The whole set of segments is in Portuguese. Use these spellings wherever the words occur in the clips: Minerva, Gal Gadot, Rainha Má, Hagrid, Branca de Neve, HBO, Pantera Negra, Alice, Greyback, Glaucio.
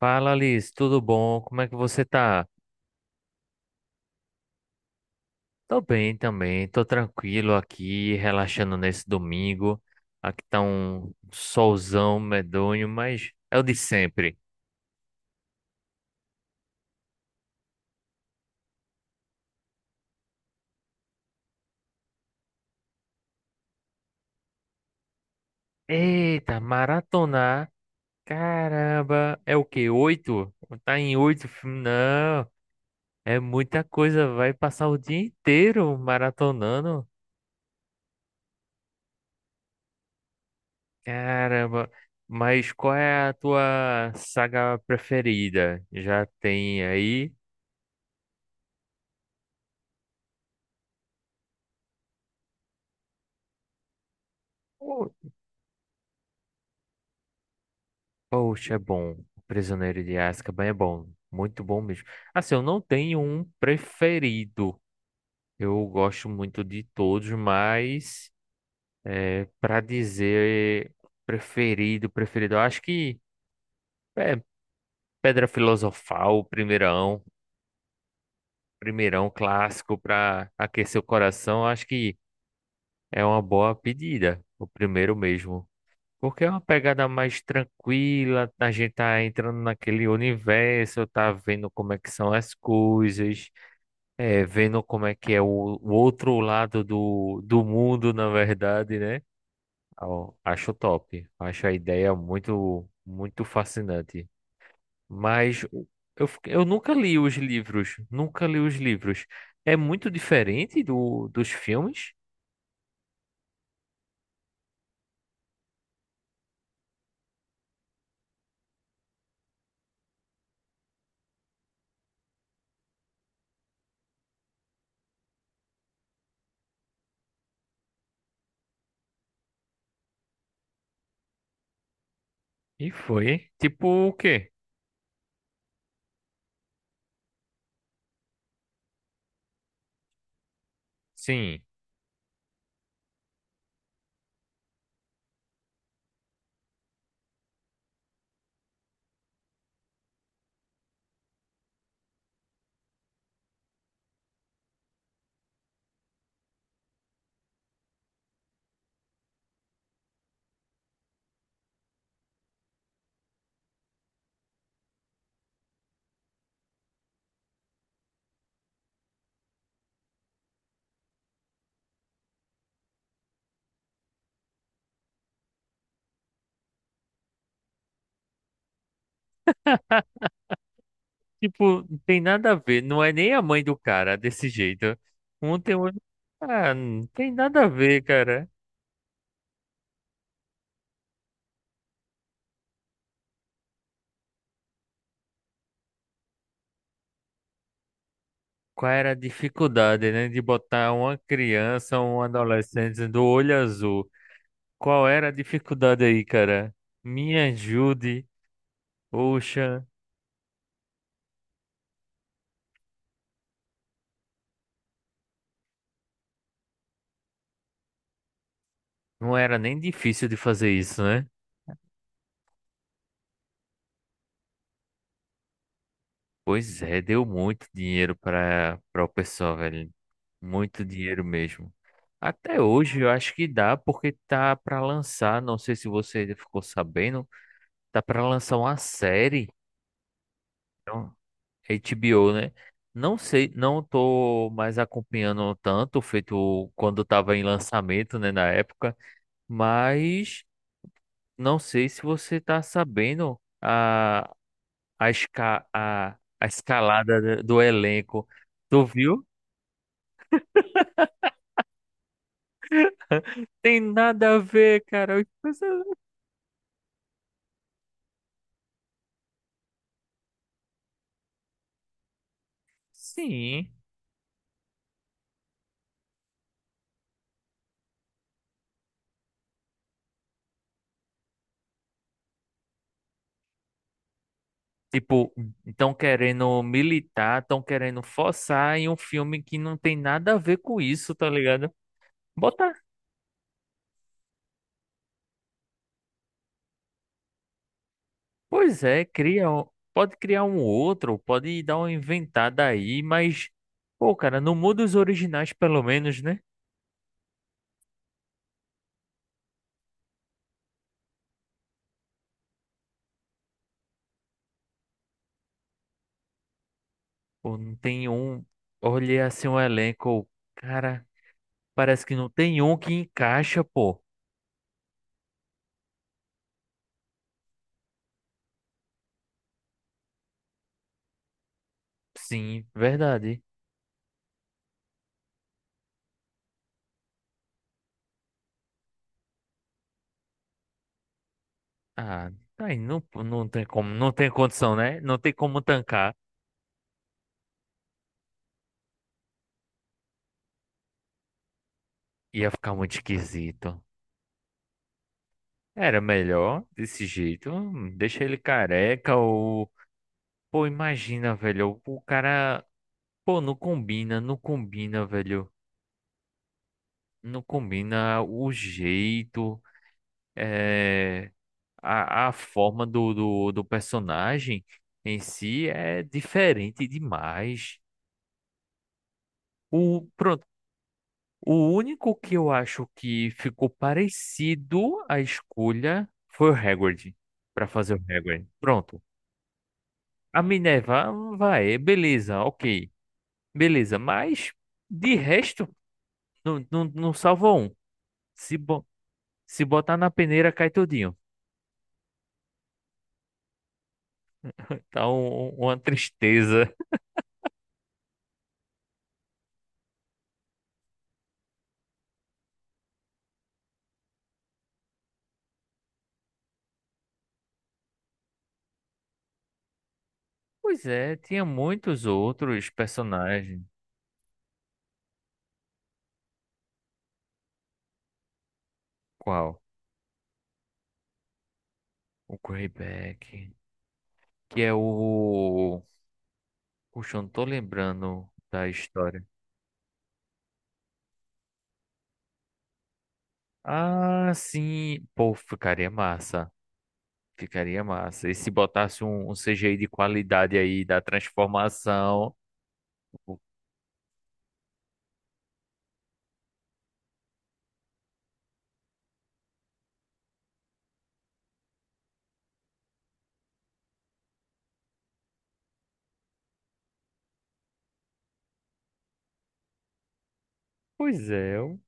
Fala, Alice, tudo bom? Como é que você tá? Tô bem também, tô tranquilo aqui, relaxando nesse domingo. Aqui tá um solzão medonho, mas é o de sempre. Eita, maratonar, caramba, é o quê? Oito? Tá em oito filmes? Não, é muita coisa, vai passar o dia inteiro maratonando. Caramba, mas qual é a tua saga preferida? Já tem aí? Poxa, é bom. O Prisioneiro de Azkaban é bom. Muito bom mesmo. Assim, eu não tenho um preferido. Eu gosto muito de todos, mas para dizer preferido, preferido, eu acho que é Pedra Filosofal, o primeirão, primeirão clássico para aquecer o coração, eu acho que é uma boa pedida. O primeiro mesmo. Porque é uma pegada mais tranquila, a gente tá entrando naquele universo, tá vendo como é que são as coisas, vendo como é que é o outro lado do mundo, na verdade, né? Ó, acho top, acho a ideia muito, muito fascinante. Mas eu nunca li os livros, nunca li os livros. É muito diferente dos filmes? E foi, hein? Tipo o quê? Sim. Tipo, não tem nada a ver. Não é nem a mãe do cara desse jeito. Um tem outro. Ah, não tem nada a ver, cara. Qual era a dificuldade, né? De botar uma criança, um adolescente do olho azul. Qual era a dificuldade aí, cara? Me ajude. Poxa, não era nem difícil de fazer isso, né? Pois é, deu muito dinheiro para o pessoal, velho. Muito dinheiro mesmo. Até hoje eu acho que dá, porque tá para lançar, não sei se você ficou sabendo, tá para lançar uma série, então, HBO, né? Não sei, não tô mais acompanhando tanto, feito quando tava em lançamento, né, na época, mas não sei se você tá sabendo a, esca, a, a escalada do elenco. Tu viu? Tem nada a ver, cara. As Sim. Tipo, estão querendo militar, estão querendo forçar em um filme que não tem nada a ver com isso, tá ligado? Bota. Pois é, cria. Pode criar um outro, pode dar uma inventada aí, mas. Pô, cara, não muda os originais, pelo menos, né? Pô, não tem um. Olhei assim um elenco. Cara, parece que não tem um que encaixa, pô. Sim, verdade. Ah, tá aí não, não tem como, não tem condição, né? Não tem como tancar. Ia ficar muito esquisito. Era melhor desse jeito. Deixa ele careca ou. Pô, imagina, velho. O cara. Pô, não combina, não combina, velho. Não combina o jeito, é... a forma do personagem em si é diferente demais. Pronto. O único que eu acho que ficou parecido à escolha foi o Hagrid, para fazer o Hagrid. Pronto. A Minerva "Ah, vai, beleza, ok. Beleza, mas de resto, não, não, não salva um. Se, bo- se botar na peneira, cai tudinho. Tá uma tristeza. Pois é, tinha muitos outros personagens. Qual? O Greyback, que é o... Puxa, eu não tô lembrando da história. Ah, sim. Pô, ficaria massa. Ficaria massa. E se botasse um CGI de qualidade aí da transformação? Pois é,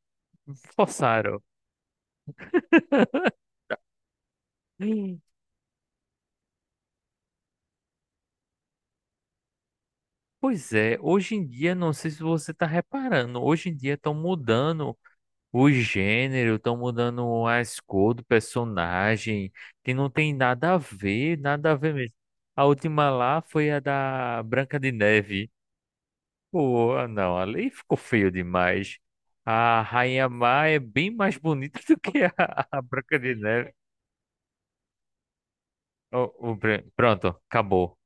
forçaram. Hum. Pois é, hoje em dia, não sei se você tá reparando, hoje em dia estão mudando o gênero, estão mudando as cores do personagem, que não tem nada a ver, nada a ver mesmo. A última lá foi a da Branca de Neve. Pô, ah, não, ali ficou feio demais. A Rainha Má é bem mais bonita do que a Branca de Neve. Pronto, acabou.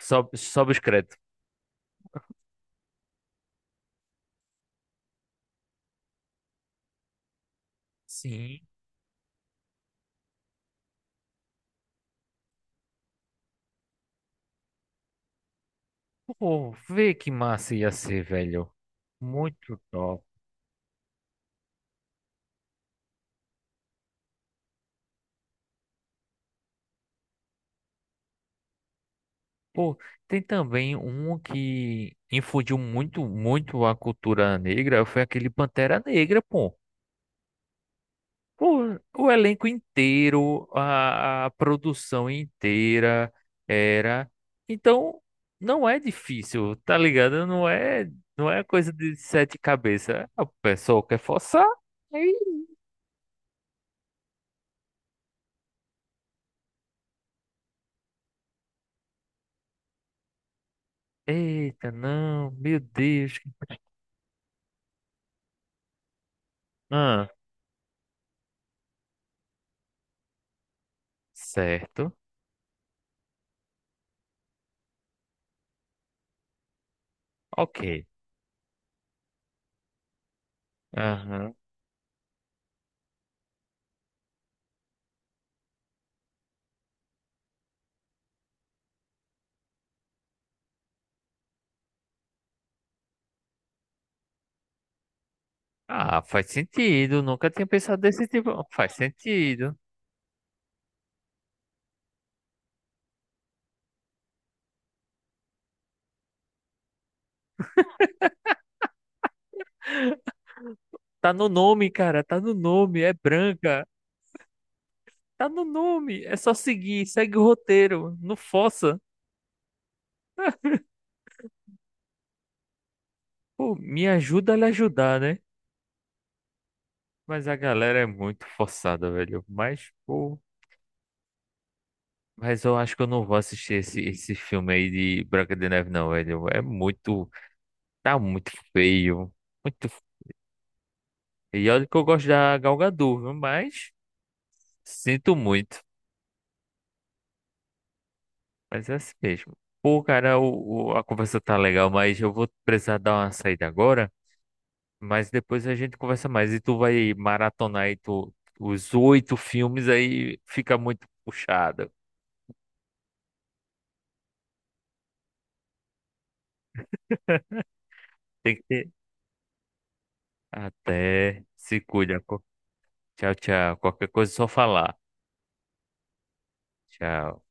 Sobe, sobe os créditos. Sim. Pô, vê que massa ia ser, velho. Muito top. Pô, tem também um que infundiu muito, muito a cultura negra, foi aquele Pantera Negra, pô. Pô, o elenco inteiro, a produção inteira era. Então, não é difícil, tá ligado? Não é coisa de sete cabeças. O pessoal quer forçar. aí- Eita, não, meu Deus. Ah, certo. Ok. Aham. Ah, faz sentido. Nunca tinha pensado desse tipo. Faz sentido. Tá no nome, cara. Tá no nome. É branca. Tá no nome, é só seguir, segue o roteiro, não força. Pô, me ajuda a lhe ajudar, né? Mas a galera é muito forçada, velho. Mas, pô, mas eu acho que eu não vou assistir esse filme aí de Branca de Neve, não, velho. É muito, tá muito feio, muito feio. E olha que eu gosto da Gal Gadot, viu? Mas sinto muito, mas é assim mesmo. Pô, cara, a conversa tá legal, mas eu vou precisar dar uma saída agora. Mas depois a gente conversa mais. E tu vai maratonar aí os oito filmes, aí fica muito puxado. Tem que ter. Até se cuida. Tchau, tchau. Qualquer coisa é só falar. Tchau.